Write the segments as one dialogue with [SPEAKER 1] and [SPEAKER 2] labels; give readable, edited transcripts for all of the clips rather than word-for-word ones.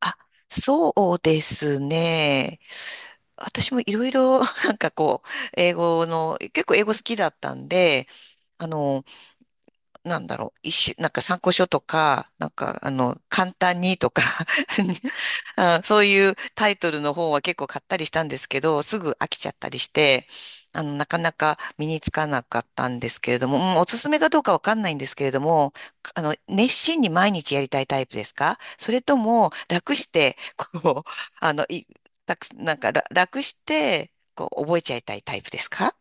[SPEAKER 1] あ、そうですね。私もいろいろ、なんかこう、英語の、結構英語好きだったんで、あの、なんだろう、一種、なんか参考書とか、簡単にとか あそういうタイトルの本は結構買ったりしたんですけど、すぐ飽きちゃったりして、なかなか身につかなかったんですけれども、うんおすすめかどうかわかんないんですけれども、熱心に毎日やりたいタイプですか？それとも、楽して、こう、あの、い、たく、なんか、ら楽して、こう、覚えちゃいたいタイプですか？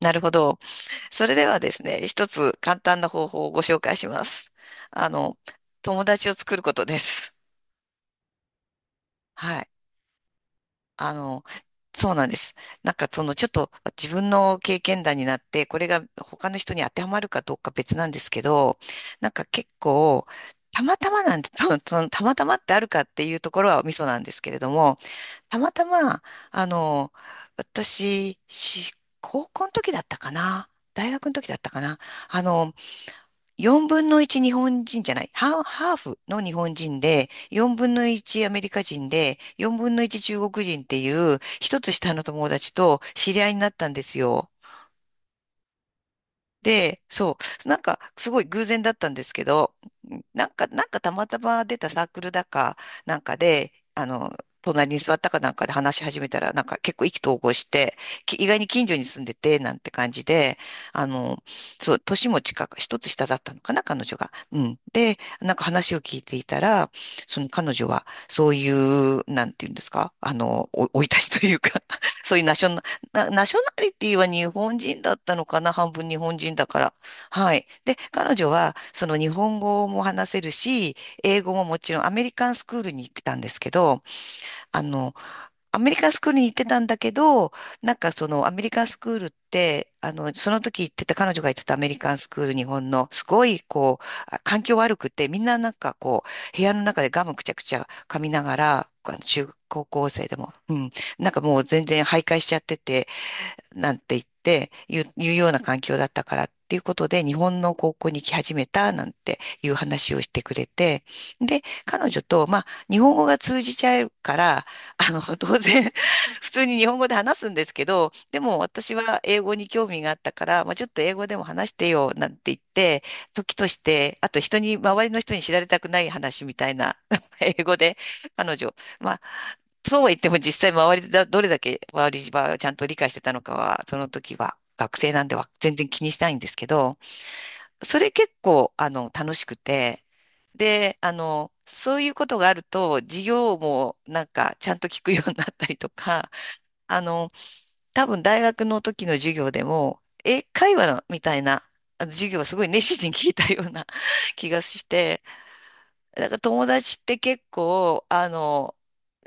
[SPEAKER 1] なるほど。それではですね、一つ簡単な方法をご紹介します。あの、友達を作ることです。はい。あの、そうなんです。なんかそのちょっと自分の経験談になって、これが他の人に当てはまるかどうか別なんですけど、なんか結構、たまたまなんて、そのたまたまってあるかっていうところはミソなんですけれども、たまたま、あの、私、高校の時だったかな、大学の時だったかな、あの、4分の1日本人じゃない、ハーフの日本人で、4分の1アメリカ人で、4分の1中国人っていう、一つ下の友達と知り合いになったんですよ。で、そう、なんかすごい偶然だったんですけど、なんか、たまたま出たサークルだかなんかで、隣に座ったかなんかで話し始めたら、なんか結構意気投合して、意外に近所に住んでて、なんて感じで、あの、そう、年も近く、一つ下だったのかな、彼女が。うん。で、なんか話を聞いていたら、その彼女は、そういう、なんていうんですか、お生い立ちというか、そういうナショナリティは日本人だったのかな、半分日本人だから。はい。で、彼女は、その日本語も話せるし、英語ももちろんアメリカンスクールに行ってたんですけど、あの、アメリカンスクールに行ってたんだけど、なんかそのアメリカンスクールって、その時行ってた、彼女が行ってたアメリカンスクール、日本の、すごいこう、環境悪くて、みんななんかこう、部屋の中でガムくちゃくちゃ噛みながら、中高校生でも、うん、なんかもう全然徘徊しちゃってて、なんて言うような環境だったからっていうことで、日本の高校に来始めたなんていう話をしてくれて、で、彼女と、まあ、日本語が通じちゃうから、当然、普通に日本語で話すんですけど、でも私は英語に興味があったから、まあ、ちょっと英語でも話してよなんて言って、時として、あと周りの人に知られたくない話みたいな 英語で、彼女、まあ、そうは言っても実際周りでだ、どれだけ周りはちゃんと理解してたのかは、その時は学生なんでは全然気にしないんですけど、それ結構、楽しくて、で、そういうことがあると、授業もなんかちゃんと聞くようになったりとか、あの、多分大学の時の授業でも、英会話みたいな、あの授業をすごい熱心に聞いたような 気がして、だから友達って結構、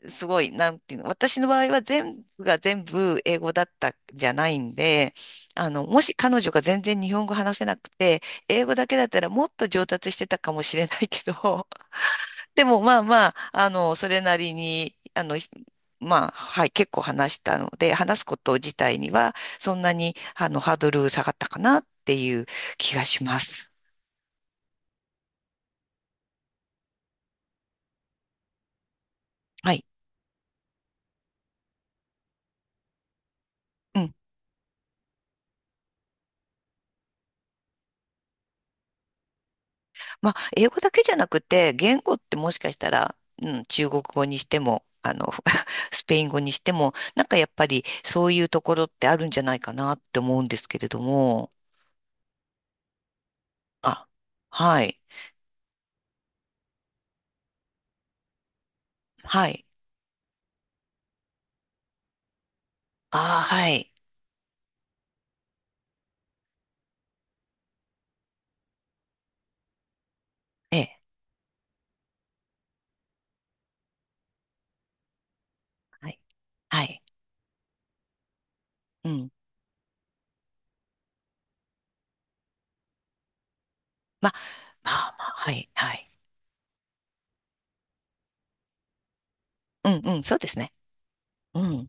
[SPEAKER 1] すごい、なんていうの、私の場合は全部が全部英語だったんじゃないんで、もし彼女が全然日本語話せなくて、英語だけだったらもっと上達してたかもしれないけど、でもまあまあ、それなりに、まあ、はい、結構話したので、話すこと自体には、そんなに、ハードル下がったかなっていう気がします。はい。うんまあ、英語だけじゃなくて、言語ってもしかしたら、うん、中国語にしても、スペイン語にしても、なんかやっぱりそういうところってあるんじゃないかなって思うんですけれども、あ、はい、はい、ああ、はい、ええ、はい、はい、うん、まあ、まあまあ、はい、はい、うん、うん、そうですね。うん。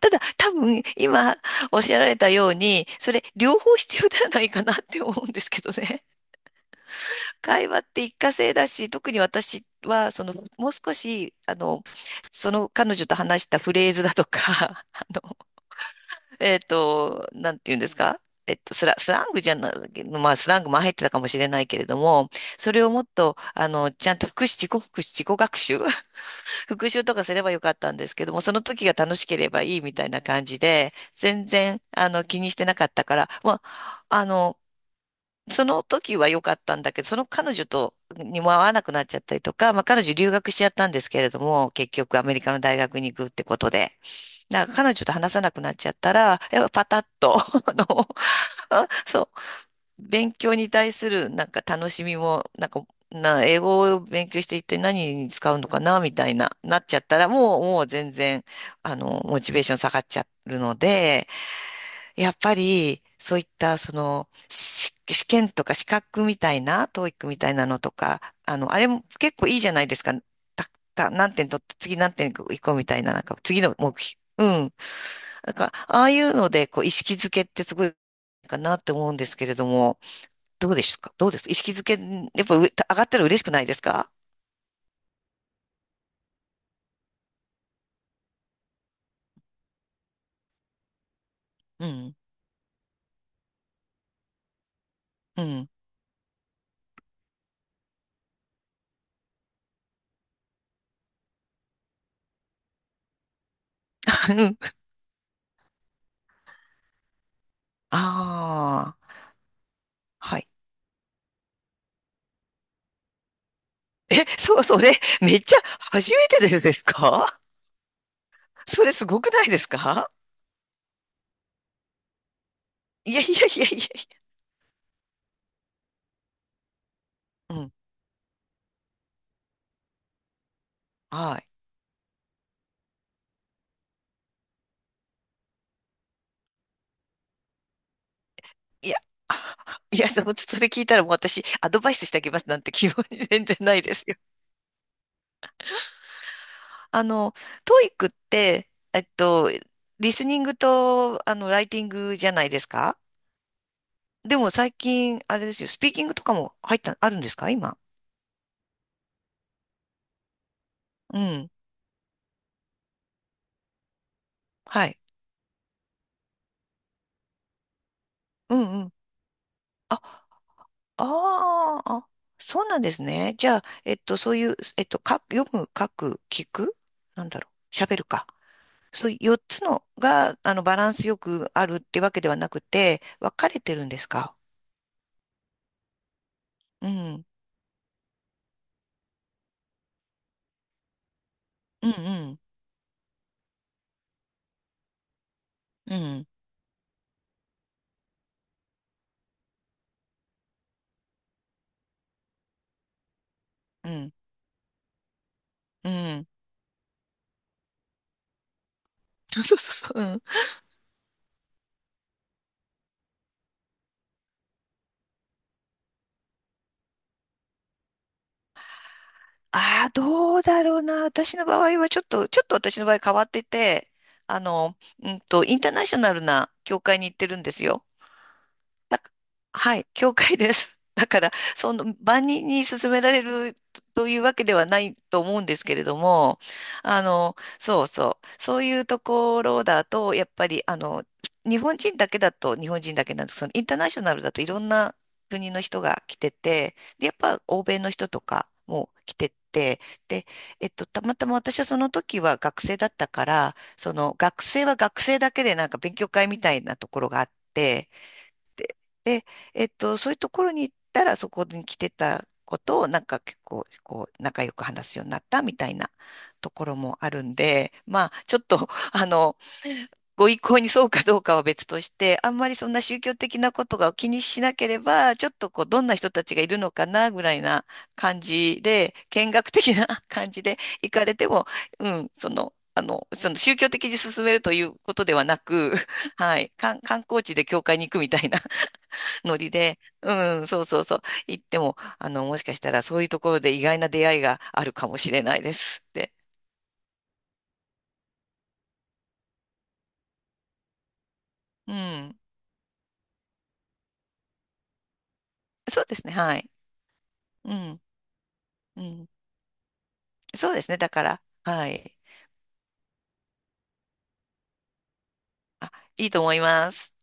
[SPEAKER 1] ただ、多分、今、おっしゃられたように、それ、両方必要ではないかなって思うんですけどね。会話って一過性だし、特に私は、その、もう少し、その彼女と話したフレーズだとか、あの、なんて言うんですか？スラングじゃない、まあ、スラングも入ってたかもしれないけれども、それをもっと、ちゃんと復習、自己復習、自己学習、復習とかすればよかったんですけども、その時が楽しければいいみたいな感じで、全然、気にしてなかったから、まあ、その時は良かったんだけど、その彼女とにも会わなくなっちゃったりとか、まあ彼女留学しちゃったんですけれども、結局アメリカの大学に行くってことで、だから彼女と話さなくなっちゃったら、やっぱパタッと、あの、あそう、勉強に対するなんか楽しみも、なんか、英語を勉強して一体何に使うのかな、みたいな、なっちゃったら、もう全然、モチベーション下がっちゃうので、やっぱり、そういった、その、試験とか資格みたいな、トーイックみたいなのとか、あれも結構いいじゃないですか。た、何点取って、次何点行こうみたいな、なんか、次の目標。うん。なんか、ああいうので、こう、意識づけってすごいかなって思うんですけれども、どうですか？どうです意識づけ、やっぱ上がったら嬉しくないですか？うん。うん。ああ、はい。え、そう、それ、めっちゃ初めてですか？ それすごくないですか？いやいやいやいや、うん、はい。いや、いや、その、それ聞いたらもう私、アドバイスしてあげますなんて気分に全然ないですよ。あの、トイックって、リスニングと、ライティングじゃないですか？でも最近、あれですよ、スピーキングとかも入った、あるんですか今？うん。はい。うんうん。あ、あーあ、そうなんですね。じゃあ、そういう、読む、書く、聞くなんだろう。喋るか。そう、4つのが、バランスよくあるってわけではなくて、分かれてるんですか？うん、うん、うん、うん、うん、うん。そうそうそう、うん。ああ、どうだろうな。私の場合はちょっと、ちょっと私の場合変わってて、あの、インターナショナルな教会に行ってるんですよ。なんか、はい、教会です。だから、その、万人に勧められるというわけではないと思うんですけれども、そうそう、そういうところだと、やっぱり、日本人だけだと日本人だけなんですけど、そのインターナショナルだといろんな国の人が来てて、で、やっぱ欧米の人とかも来てて、で、たまたま私はその時は学生だったから、その学生は学生だけでなんか勉強会みたいなところがあって、そういうところに行ったら、そこに来てたことを、なんか結構、こう、仲良く話すようになったみたいなところもあるんで、まあ、ちょっと、ご意向にそうかどうかは別として、あんまりそんな宗教的なことが気にしなければ、ちょっとこう、どんな人たちがいるのかな、ぐらいな感じで、見学的な 感じで行かれても、うん、その、その宗教的に進めるということではなく、はい、観光地で教会に行くみたいなノリで、うん、そうそうそう、行っても、もしかしたらそういうところで意外な出会いがあるかもしれないですって。うん、そうですね、はい。うん、うん、そうですね、だから、はい。あ、いいと思います。